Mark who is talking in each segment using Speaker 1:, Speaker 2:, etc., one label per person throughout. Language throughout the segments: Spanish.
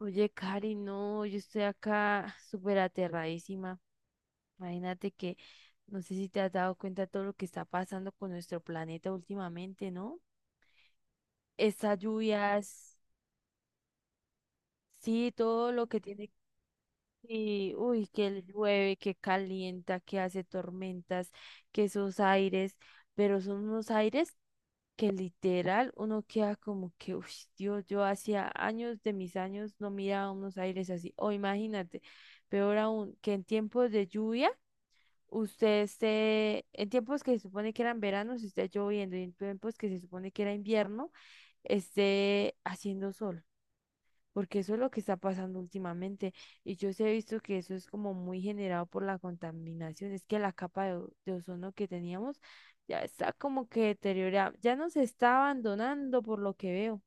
Speaker 1: Oye, Cari, no, yo estoy acá súper aterradísima. Imagínate que no sé si te has dado cuenta de todo lo que está pasando con nuestro planeta últimamente, ¿no? Estas lluvias, sí, todo lo que tiene. Y, uy, que llueve, que calienta, que hace tormentas, que esos aires, pero son unos aires que literal uno queda como que, uy, Dios, yo hacía años de mis años no miraba unos aires así. O imagínate, peor aún, que en tiempos de lluvia, usted esté, en tiempos que se supone que eran veranos, esté lloviendo, y en tiempos que se supone que era invierno, esté haciendo sol, porque eso es lo que está pasando últimamente. Y yo sí he visto que eso es como muy generado por la contaminación. Es que la capa de, de ozono que teníamos ya está como que deteriorada, ya nos está abandonando por lo que veo.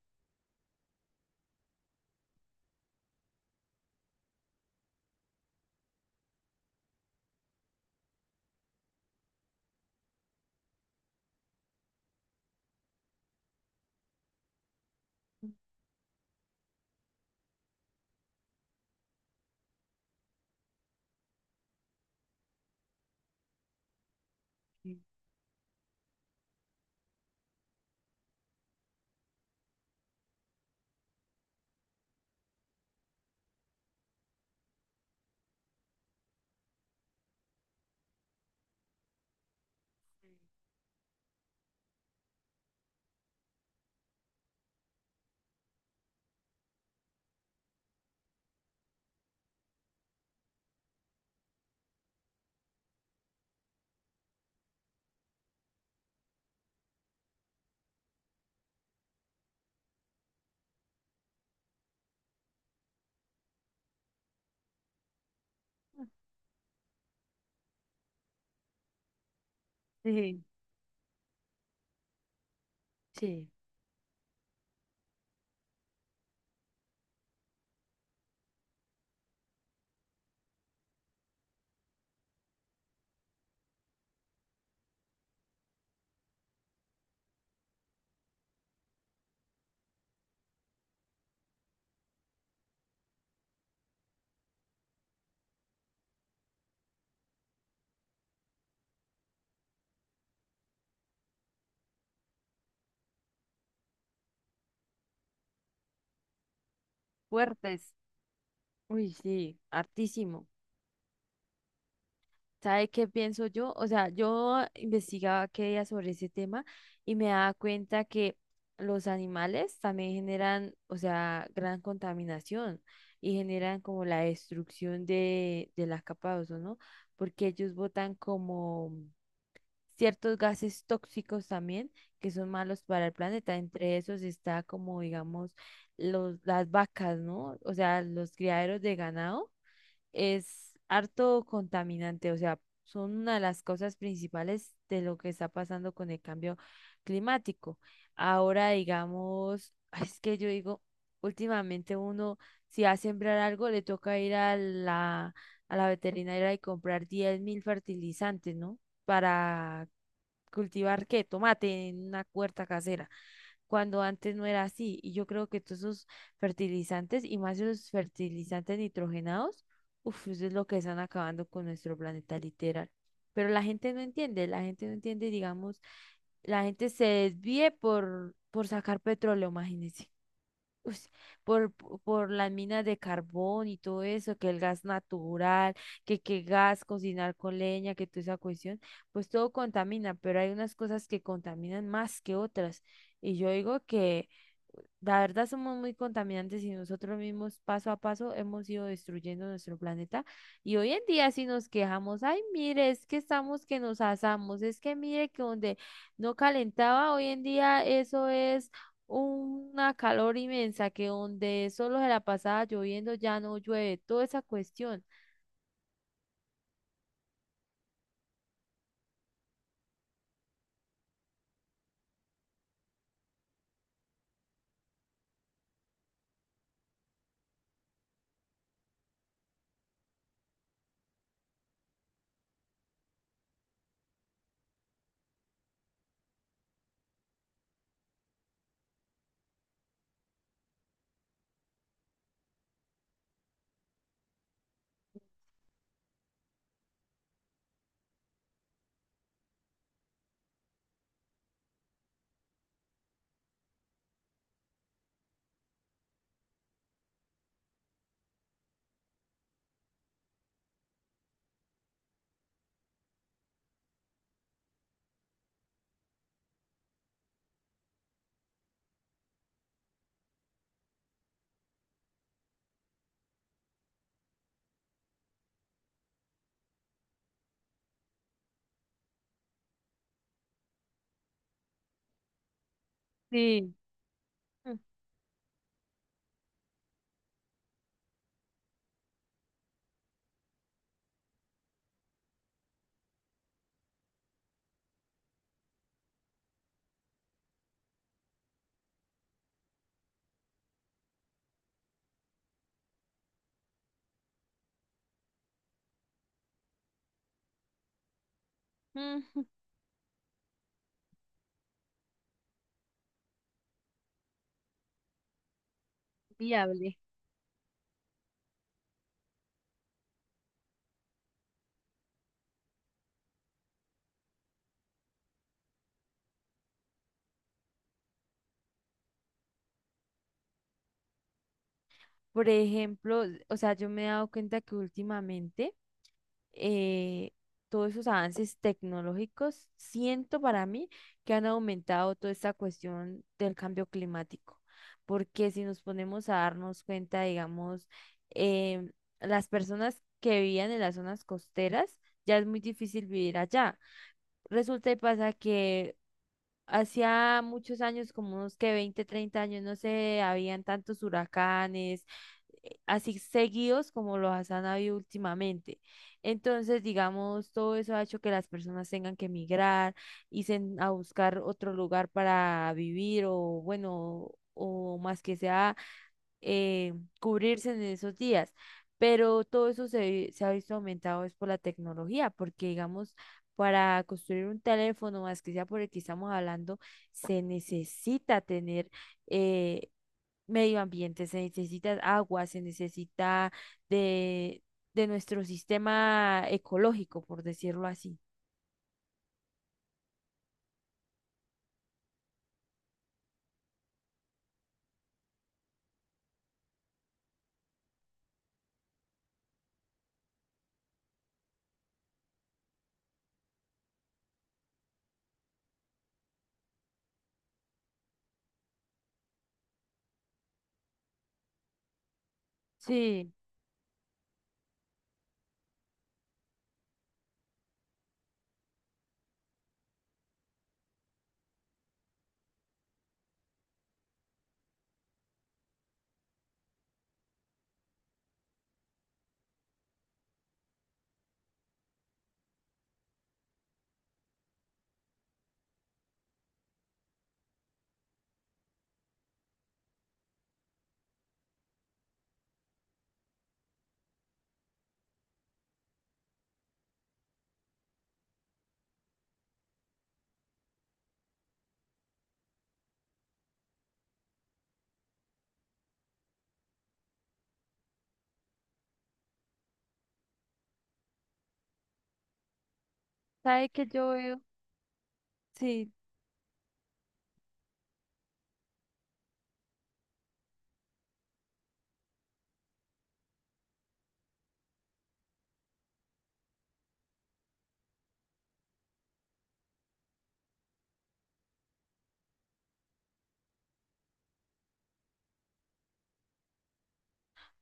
Speaker 1: Sí, sí, fuertes. Uy, sí, hartísimo. ¿Sabe qué pienso yo? O sea, yo investigaba qué día sobre ese tema y me daba cuenta que los animales también generan, o sea, gran contaminación y generan como la destrucción de las capas de ozono, porque ellos botan como ciertos gases tóxicos también que son malos para el planeta. Entre esos está como, digamos, las vacas, ¿no? O sea, los criaderos de ganado es harto contaminante, o sea, son una de las cosas principales de lo que está pasando con el cambio climático. Ahora, digamos, ay, es que yo digo, últimamente uno, si va a sembrar algo, le toca ir a la veterinaria y comprar 10 mil fertilizantes, ¿no? Para cultivar, ¿qué? Tomate en una huerta casera, cuando antes no era así. Y yo creo que todos esos fertilizantes, y más los fertilizantes nitrogenados, uff, eso es lo que están acabando con nuestro planeta literal. Pero la gente no entiende, la gente no entiende, digamos, la gente se desvíe por sacar petróleo, imagínense. Ush, por las minas de carbón y todo eso, que el gas natural, que qué gas, cocinar con leña, que toda esa cuestión, pues todo contamina, pero hay unas cosas que contaminan más que otras. Y yo digo que la verdad somos muy contaminantes y nosotros mismos paso a paso hemos ido destruyendo nuestro planeta, y hoy en día si nos quejamos, ay, mire, es que estamos que nos asamos, es que mire que donde no calentaba hoy en día, eso es una calor inmensa, que donde solo se la pasaba lloviendo ya no llueve, toda esa cuestión. Sí. Mm, mm, viable. Por ejemplo, o sea, yo me he dado cuenta que últimamente eh, todos esos avances tecnológicos, siento para mí que han aumentado toda esta cuestión del cambio climático, porque si nos ponemos a darnos cuenta, digamos, em, las personas que vivían en las zonas costeras, ya es muy difícil vivir allá. Resulta y pasa que hacía muchos años, como unos que 20, 30 años, no se habían tantos huracanes así seguidos como los han habido últimamente. Entonces, digamos, todo eso ha hecho que las personas tengan que emigrar, irse a buscar otro lugar para vivir, o bueno, o más que sea, eh, cubrirse en esos días. Pero todo eso se ha visto aumentado es por la tecnología, porque digamos, para construir un teléfono, más que sea por el que estamos hablando, se necesita tener, eh, medio ambiente, se necesita agua, se necesita de, de nuestro sistema ecológico, por decirlo así. Sí, ¿sabe que yo veo? Sí.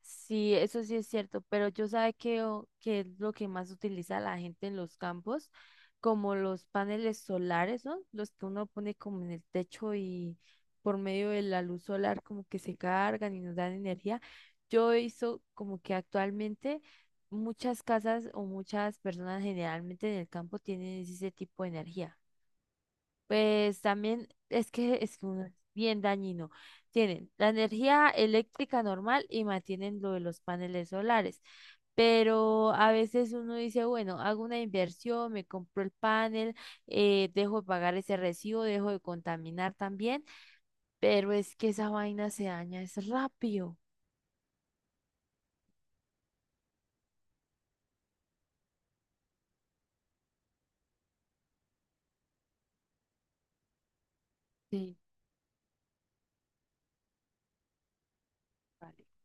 Speaker 1: Sí, eso sí es cierto, pero yo sabe que, que es lo que más utiliza la gente en los campos, como los paneles solares, ¿no? Los que uno pone como en el techo y por medio de la luz solar como que se cargan y nos dan energía. Yo hizo como que actualmente muchas casas o muchas personas generalmente en el campo tienen ese tipo de energía. Pues también es que uno es bien dañino. Tienen la energía eléctrica normal y mantienen lo de los paneles solares. Pero a veces uno dice, bueno, hago una inversión, me compro el panel, dejo de pagar ese recibo, dejo de contaminar también, pero es que esa vaina se daña, es rápido. Sí, vale.